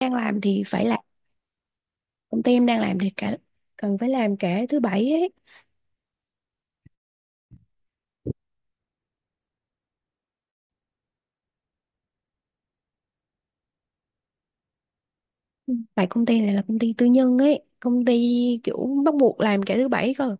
Đang làm thì phải làm, công ty em đang làm thì cả cần phải làm cả thứ bảy ấy. Ừ, tại công ty này là công ty tư nhân ấy, công ty kiểu bắt buộc làm cả thứ bảy cơ.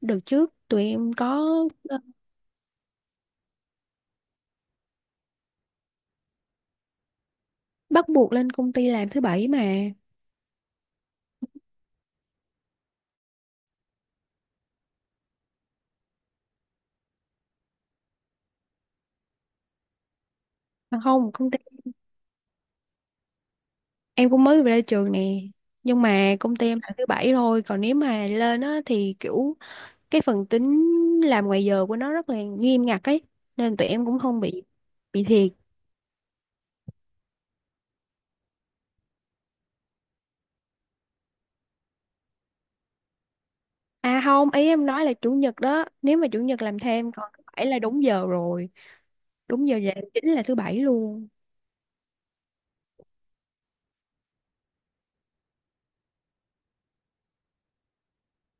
Đợt trước tụi em có ờ, bắt buộc lên công ty làm thứ bảy mà. À, không, công ty em cũng mới về đây trường nè, nhưng mà công ty em làm thứ bảy thôi, còn nếu mà lên á thì kiểu cái phần tính làm ngoài giờ của nó rất là nghiêm ngặt ấy, nên tụi em cũng không bị thiệt. À không, ý em nói là chủ nhật đó, nếu mà chủ nhật làm thêm, còn thứ bảy là đúng giờ rồi, đúng giờ về chính là thứ bảy luôn.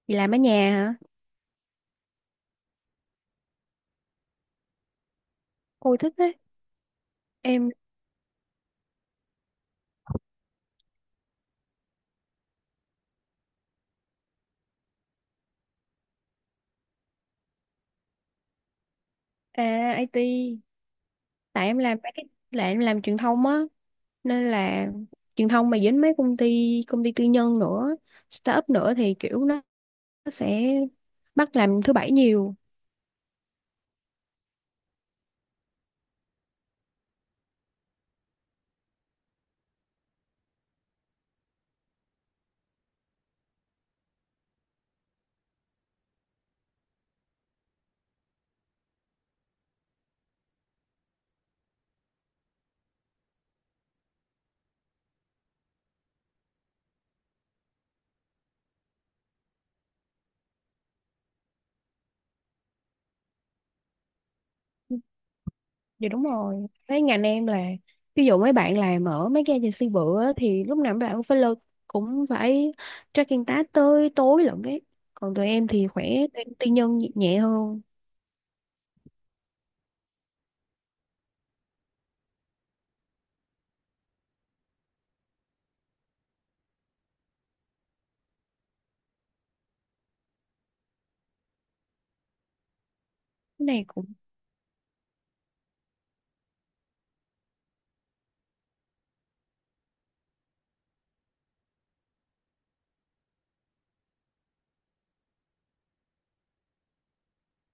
Vì làm ở nhà hả? Ôi thích đấy. Em à IT, tại em làm mấy cái, là em làm truyền thông á, nên là truyền thông mà dính mấy công ty tư nhân nữa, startup nữa thì kiểu nó sẽ bắt làm thứ bảy nhiều. Dạ đúng rồi. Mấy ngành em là ví dụ mấy bạn làm ở mấy cái agency bự á, thì lúc nào mấy bạn cũng phải lơ, cũng phải tracking task tới tối lận ấy. Còn tụi em thì khỏe, tụi em tư nhân nhẹ nhẹ hơn. Cái này cũng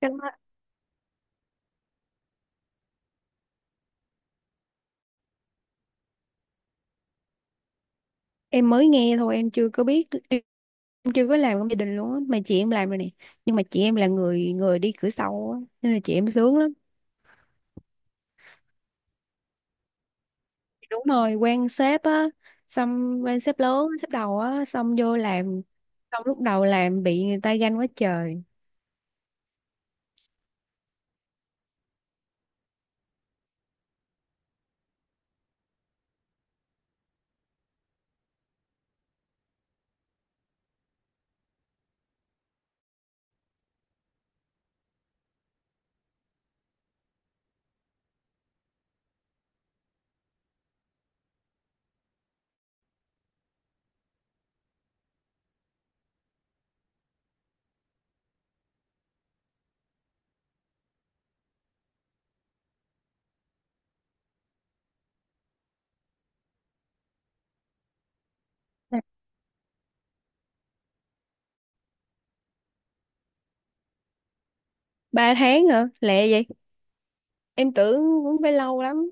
chắc là em mới nghe thôi, em chưa có biết, em chưa có làm trong gia đình luôn á, mà chị em làm rồi nè. Nhưng mà chị em là người người đi cửa sau á, nên là chị em sướng lắm. Đúng rồi, quan sếp á, xong quan sếp lớn, sếp đầu á, xong vô làm, xong lúc đầu làm bị người ta ganh quá trời. Ba tháng hả, lẹ vậy? Em tưởng cũng phải lâu lắm.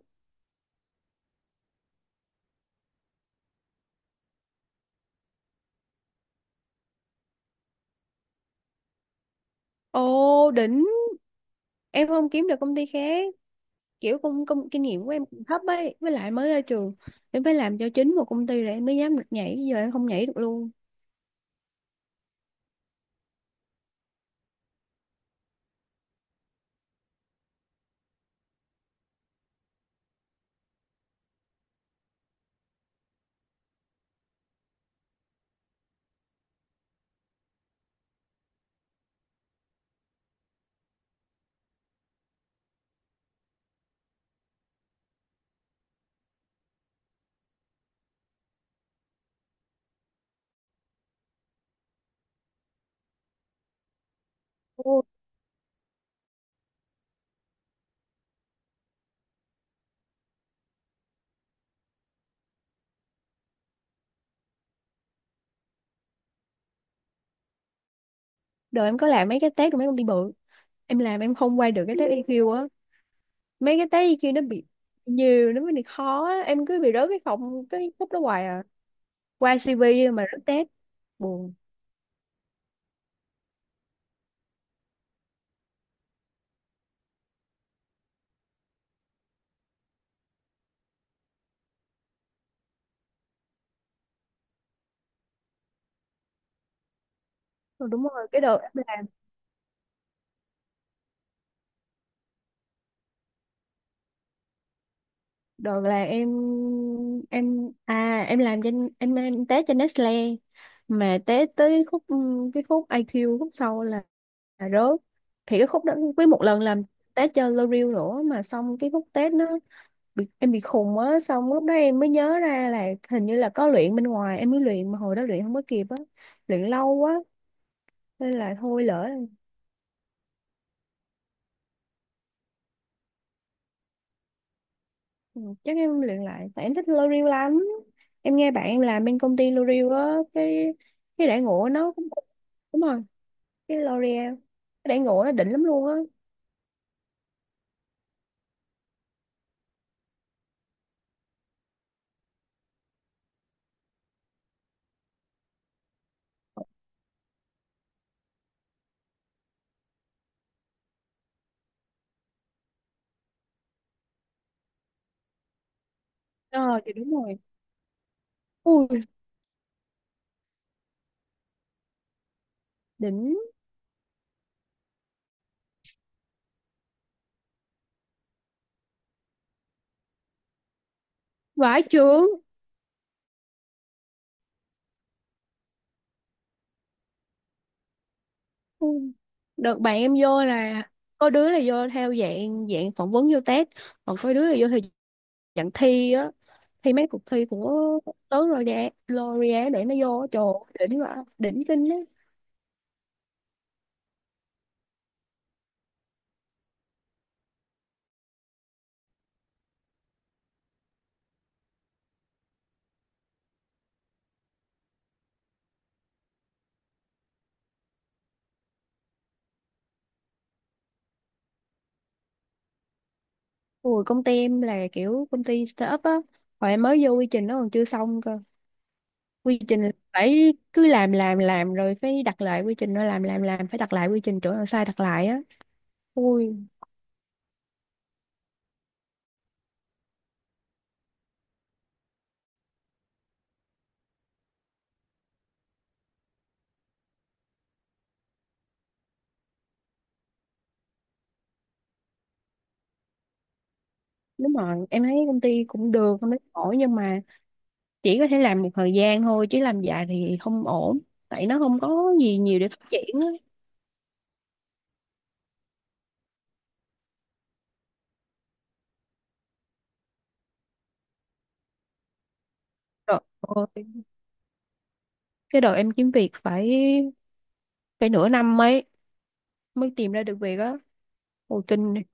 Ồ đỉnh. Em không kiếm được công ty khác, kiểu công kinh nghiệm của em cũng thấp ấy, với lại mới ra trường, em phải làm cho chính một công ty rồi em mới dám được nhảy, giờ em không nhảy được luôn. Ồ, đời em có làm mấy cái test của mấy công ty bự, em làm em không qua được cái test EQ á, mấy cái test EQ nó bị nhiều nó mới bị khó á. Em cứ bị rớt cái phòng cái khúc đó hoài à, qua CV mà rớt test, buồn. Ờ, đúng rồi, cái đợt em làm. Đợt là em, em làm trên, em té trên Nestle mà té tới khúc cái khúc IQ khúc sau là rớt. Thì cái khúc đó với một lần làm té cho L'Oreal nữa, mà xong cái khúc test nó bị, em bị khùng á, xong lúc đó em mới nhớ ra là hình như là có luyện bên ngoài, em mới luyện mà hồi đó luyện không có kịp á, luyện lâu quá nên là thôi lỡ. Ừ, chắc em luyện lại tại em thích L'Oreal lắm. Em nghe bạn em làm bên công ty L'Oreal á, cái đãi ngộ nó cũng, đúng rồi, cái L'Oreal cái đãi ngộ nó đỉnh lắm luôn á. Ờ thì đúng rồi. Ui, đỉnh, vãi chưởng. Ui, đợt bạn em vô là có đứa là vô theo dạng dạng phỏng vấn vô test, còn có đứa là vô theo dạng thi á, thi mấy cuộc thi của tớ rồi L'Oreal để nó vô. Trời ơi, đỉnh quá, đỉnh kinh á. Ủa, công ty em là kiểu công ty startup á, hồi em mới vô quy trình nó còn chưa xong cơ. Quy trình là phải cứ làm rồi phải đặt lại quy trình, rồi làm phải đặt lại quy trình, chỗ nào sai đặt lại á. Ui, đúng rồi, em thấy công ty cũng được, không thấy ổn, nhưng mà chỉ có thể làm một thời gian thôi chứ làm dài thì không ổn, tại nó không có gì nhiều để phát triển á. Trời ơi, cái đợt em kiếm việc phải phải nửa năm mấy mới tìm ra được việc á. Ồ kinh này.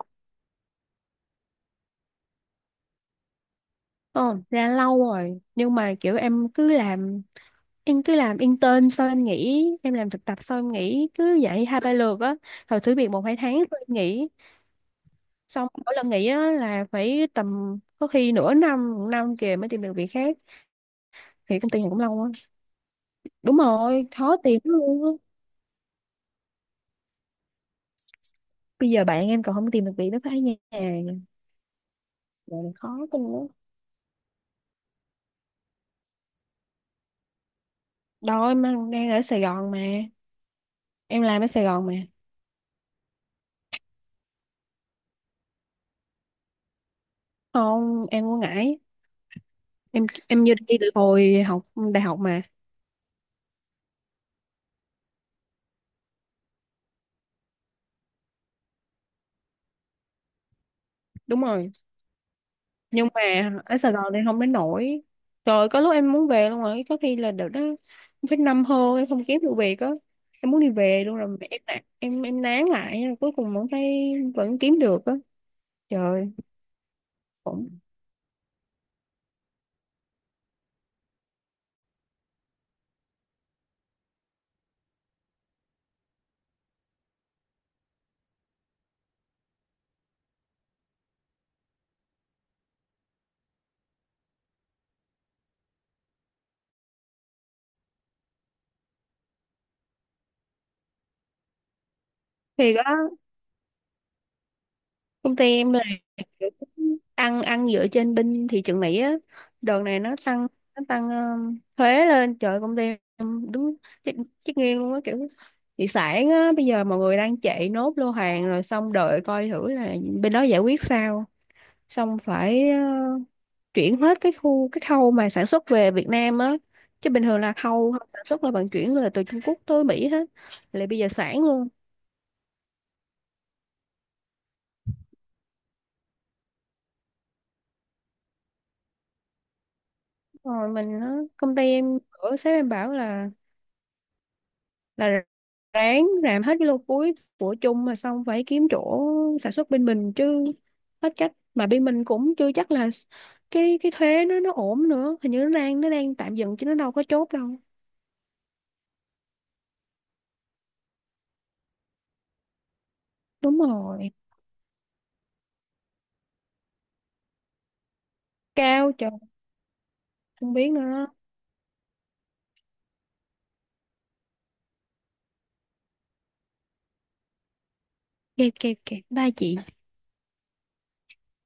Ờ, ra lâu rồi nhưng mà kiểu em cứ làm, em cứ làm intern sau em nghỉ, em làm thực tập sau em nghỉ, cứ vậy hai ba lượt á, rồi thử việc một hai tháng rồi em nghỉ. Xong mỗi lần nghỉ á là phải tầm có khi nửa năm một năm kìa mới tìm được việc khác, thì công ty này cũng lâu quá. Đúng rồi, khó tìm lắm luôn á, bây giờ bạn em còn không tìm được việc nó phải nhà, rồi khó tin lắm. Đâu, em đang đang ở Sài Gòn mà, em làm ở Sài Gòn mà. Không em ở Ngãi, em như đi từ hồi học đại học mà. Đúng rồi, nhưng mà ở Sài Gòn thì không đến nổi. Trời ơi, có lúc em muốn về luôn rồi, có khi là đợt đó em phải năm hơn em không kiếm được việc á, em muốn đi về luôn rồi mà em em nán lại, cuối cùng vẫn thấy vẫn kiếm được á. Trời ơi, cũng thiệt á. Công ty em là kiểu ăn ăn dựa trên binh thị trường Mỹ á. Đợt này nó tăng, nó tăng thuế lên. Trời ơi, công ty em đúng chết, chết nghiêng luôn á, kiểu thị sản á, bây giờ mọi người đang chạy nốt lô hàng rồi xong đợi coi thử là bên đó giải quyết sao. Xong phải uh, chuyển hết cái khu cái khâu mà sản xuất về Việt Nam á. Chứ bình thường là khâu sản xuất là vận chuyển là từ Trung Quốc tới Mỹ hết. Lại bây giờ sản luôn. Rồi mình á, công ty em ở sếp em bảo là ráng làm hết cái lô cuối của chung mà, xong phải kiếm chỗ sản xuất bên mình chứ hết cách, mà bên mình cũng chưa chắc là cái thuế nó ổn nữa, hình như nó đang, nó đang tạm dừng chứ nó đâu có chốt đâu. Đúng rồi, cao trời, không biết nữa. Kẹp kẹp kẹp ba chị.